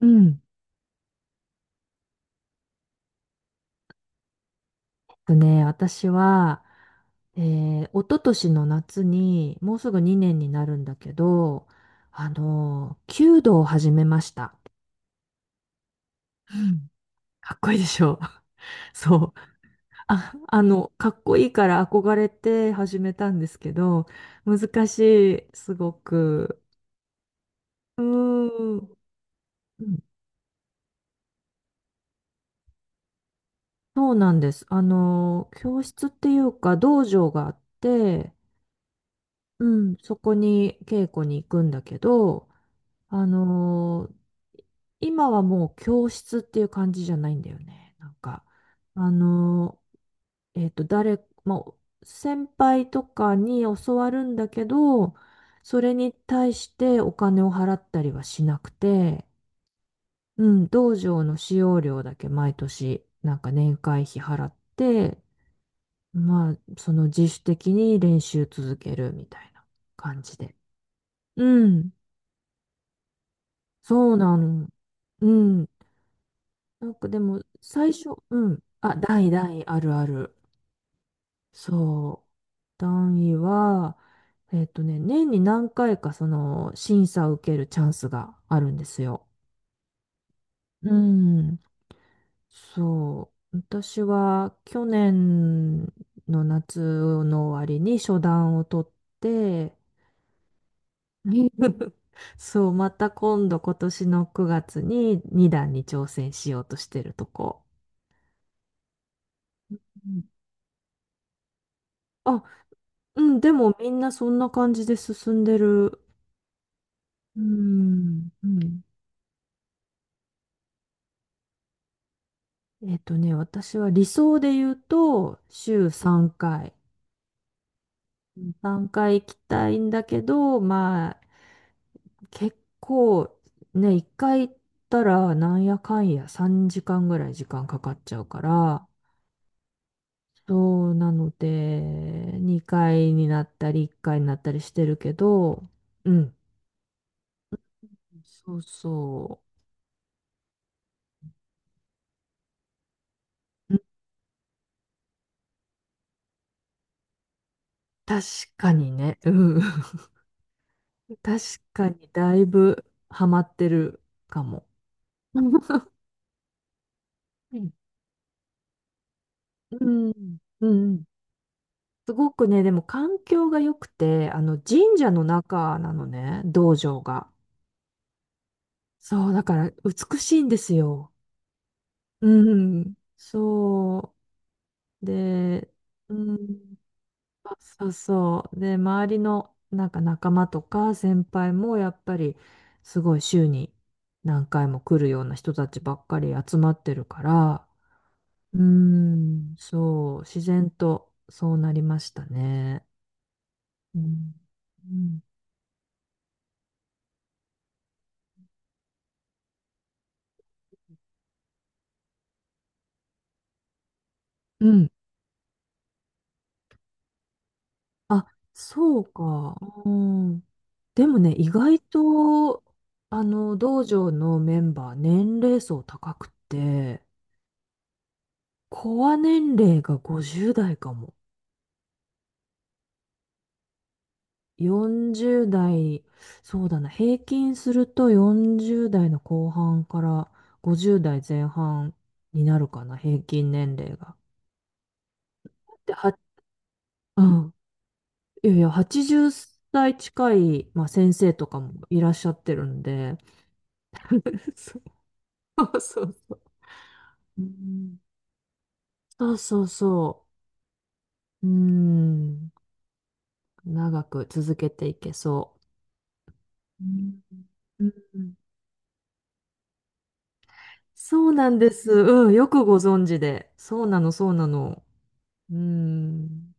うん。とね、私は、一昨年の夏に、もうすぐ2年になるんだけど、弓道を始めました。うん。かっこいいでしょ？ そう。かっこいいから憧れて始めたんですけど、難しい、すごく。うーん。うん。そうなんです。教室っていうか、道場があって、うん、そこに稽古に行くんだけど、あのー今はもう教室っていう感じじゃないんだよね。なんか、あのまあ、先輩とかに教わるんだけど、それに対してお金を払ったりはしなくて、うん、道場の使用料だけ毎年、なんか年会費払って、まあ、その自主的に練習続けるみたいな感じで。うん、そうなの。うん。なんかでも、最初、うん。あ、代々あるある。そう。段位は、年に何回かその審査を受けるチャンスがあるんですよ。うん。そう。私は去年の夏の終わりに初段を取って、うん。そう、また今度今年の9月に2段に挑戦しようとしてるとこ。うん。あ、うん、でもみんなそんな感じで進んでる。うん、うん、私は理想で言うと、週3回。うん、3回行きたいんだけど、まあ、結構、ね、1回行ったら、なんやかんや3時間ぐらい時間かかっちゃうから、そうなので、2回になったり、1回になったりしてるけど、うん、そうそう。うん。確かにね、うん。確かにだいぶハマってるかも。うん、うん、うん。すごくね、でも環境が良くて、あの神社の中なのね、道場が。そう、だから美しいんですよ。うん、そう。で、うん、あ、そうそう。で、周りのなんか仲間とか先輩もやっぱりすごい週に何回も来るような人たちばっかり集まってるから、うーん、そう、自然とそうなりましたね。うん。うん。うん。あ、そうか。うん。でもね、意外と、道場のメンバー、年齢層高くて、コア年齢が50代かも。40代、そうだな、平均すると40代の後半から50代前半になるかな、平均年齢が。で、うん。いやいや、80歳近い、まあ、先生とかもいらっしゃってるんで。そうそう。うん。そうそうそう。うん。長く続けていけそう。うん。うん。そうなんです。うん。よくご存知で。そうなの、そうなの。うん。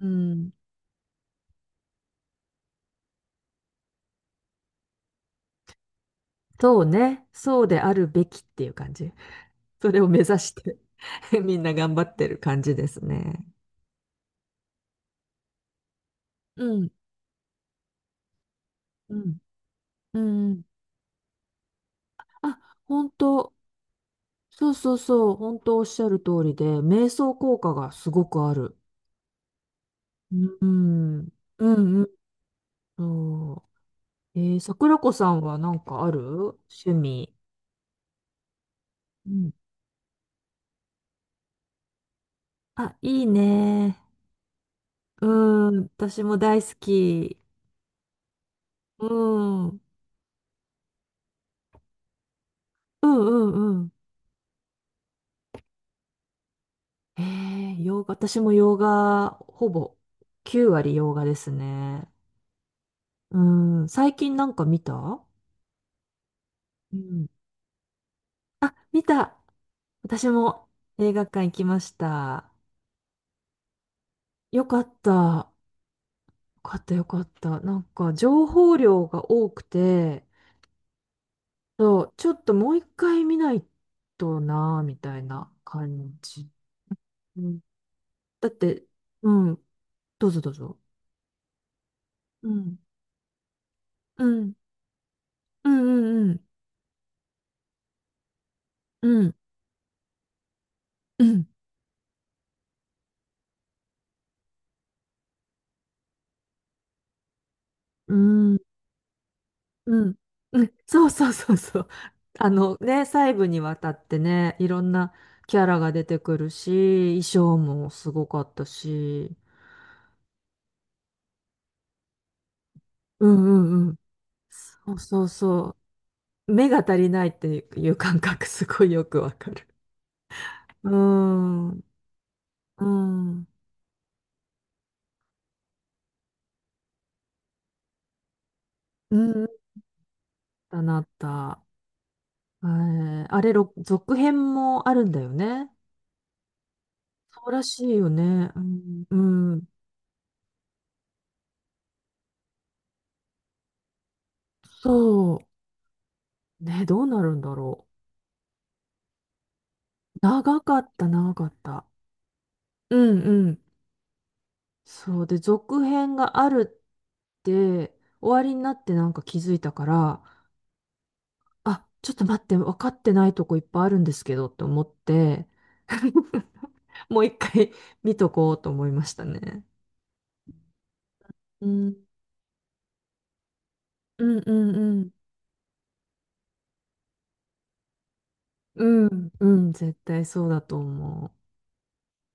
うん。そうね。そうであるべきっていう感じ。それを目指して みんな頑張ってる感じですね。うん。うん。うん。あ、本当、そうそうそう、本当おっしゃる通りで、瞑想効果がすごくある。うん、うん、うん。そう。桜子さんはなんかある趣味？うん。あ、いいね。うん、私も大好き。うん、うん、うん、うん。洋画、私も洋画、ほぼ9割洋画ですね。うん、最近なんか見た？うん。あ、見た。私も映画館行きました。よかった。よかった、よかった。なんか情報量が多くて、そう、ちょっともう一回見ないとな、みたいな感じ。うん、だって、うん、どうぞどうぞ。うん、うん、うん、うん、うん、うん、うん、うん、うん、うん。そうそうそうそう。あのね、細部にわたってね、いろんなキャラが出てくるし、衣装もすごかったし、うんうんうん。そうそうそう。目が足りないっていう感覚すごいよくわかる。うーん。うん。うん。だなった。あれ、続編もあるんだよね。そうらしいよね。うん。うん。そう。ね、どうなるんだろう。長かった、長かった。うんうん。そう。で、続編があるって、終わりになってなんか気づいたから、あ、ちょっと待って、分かってないとこいっぱいあるんですけどって思って、もう一回見とこうと思いましたね。うん、うん、うん、うん、うん、うん絶対そうだと思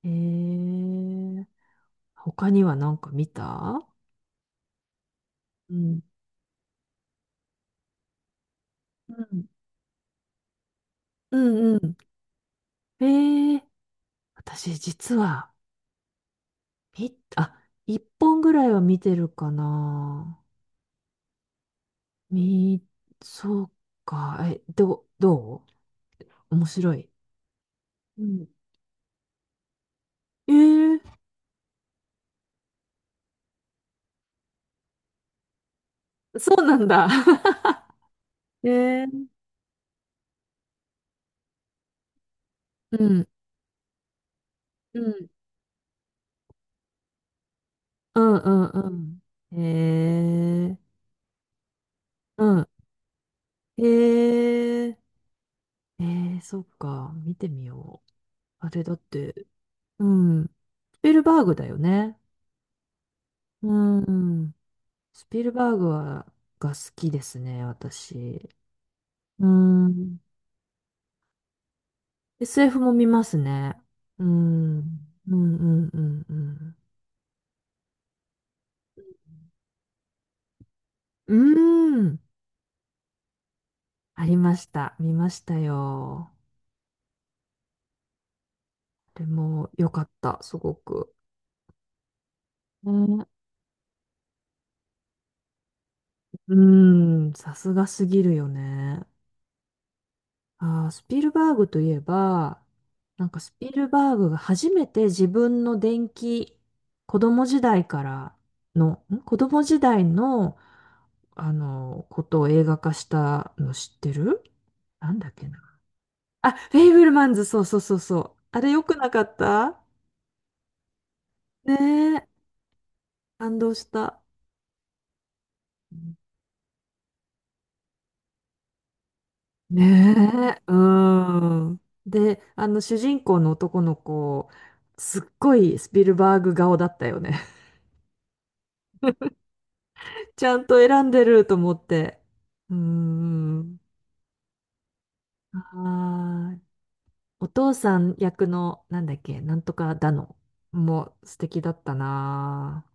う。他には何か見た？うん、うん、うん、うん。えー、私実は、あ、一本ぐらいは見てるかな。み、そうか、え、どう、どう面白い。うん。えー、そうなんだ。えー、うん、うん、うん、うん、うん。うん。えー、えそっか。見てみよう。あれだって、うん。スピルバーグだよね。うん。スピルバーグが好きですね、私。うん。SF も見ますね。うん。うん、うん、うん、うん。うん。ありました。見ましたよ。でも、よかった、すごく。ね。うーん、さすがすぎるよね。スピルバーグといえば、なんかスピルバーグが初めて自分の電気、子供時代から子供時代の、ことを映画化したの知ってる？なんだっけな。あ、フェイブルマンズ、そうそうそうそう。あれ良くなかった？ねえ、感動した。ねえ、うん。で、主人公の男の子、すっごいスピルバーグ顔だったよね。ちゃんと選んでると思って。うん。あーお父さん役の、なんだっけ、なんとかだの、もう素敵だったな。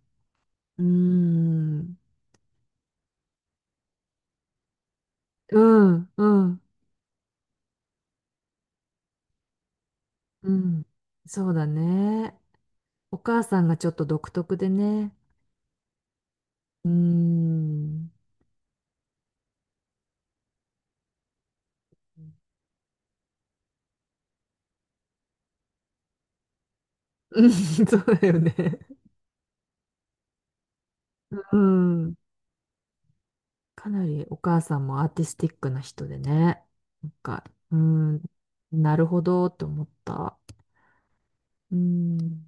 うん。うん、うん、うん。そうだね。お母さんがちょっと独特でね。うん。うん、そうだよね。うん。かなりお母さんもアーティスティックな人でね。なんか、うん、なるほどって思った。うん。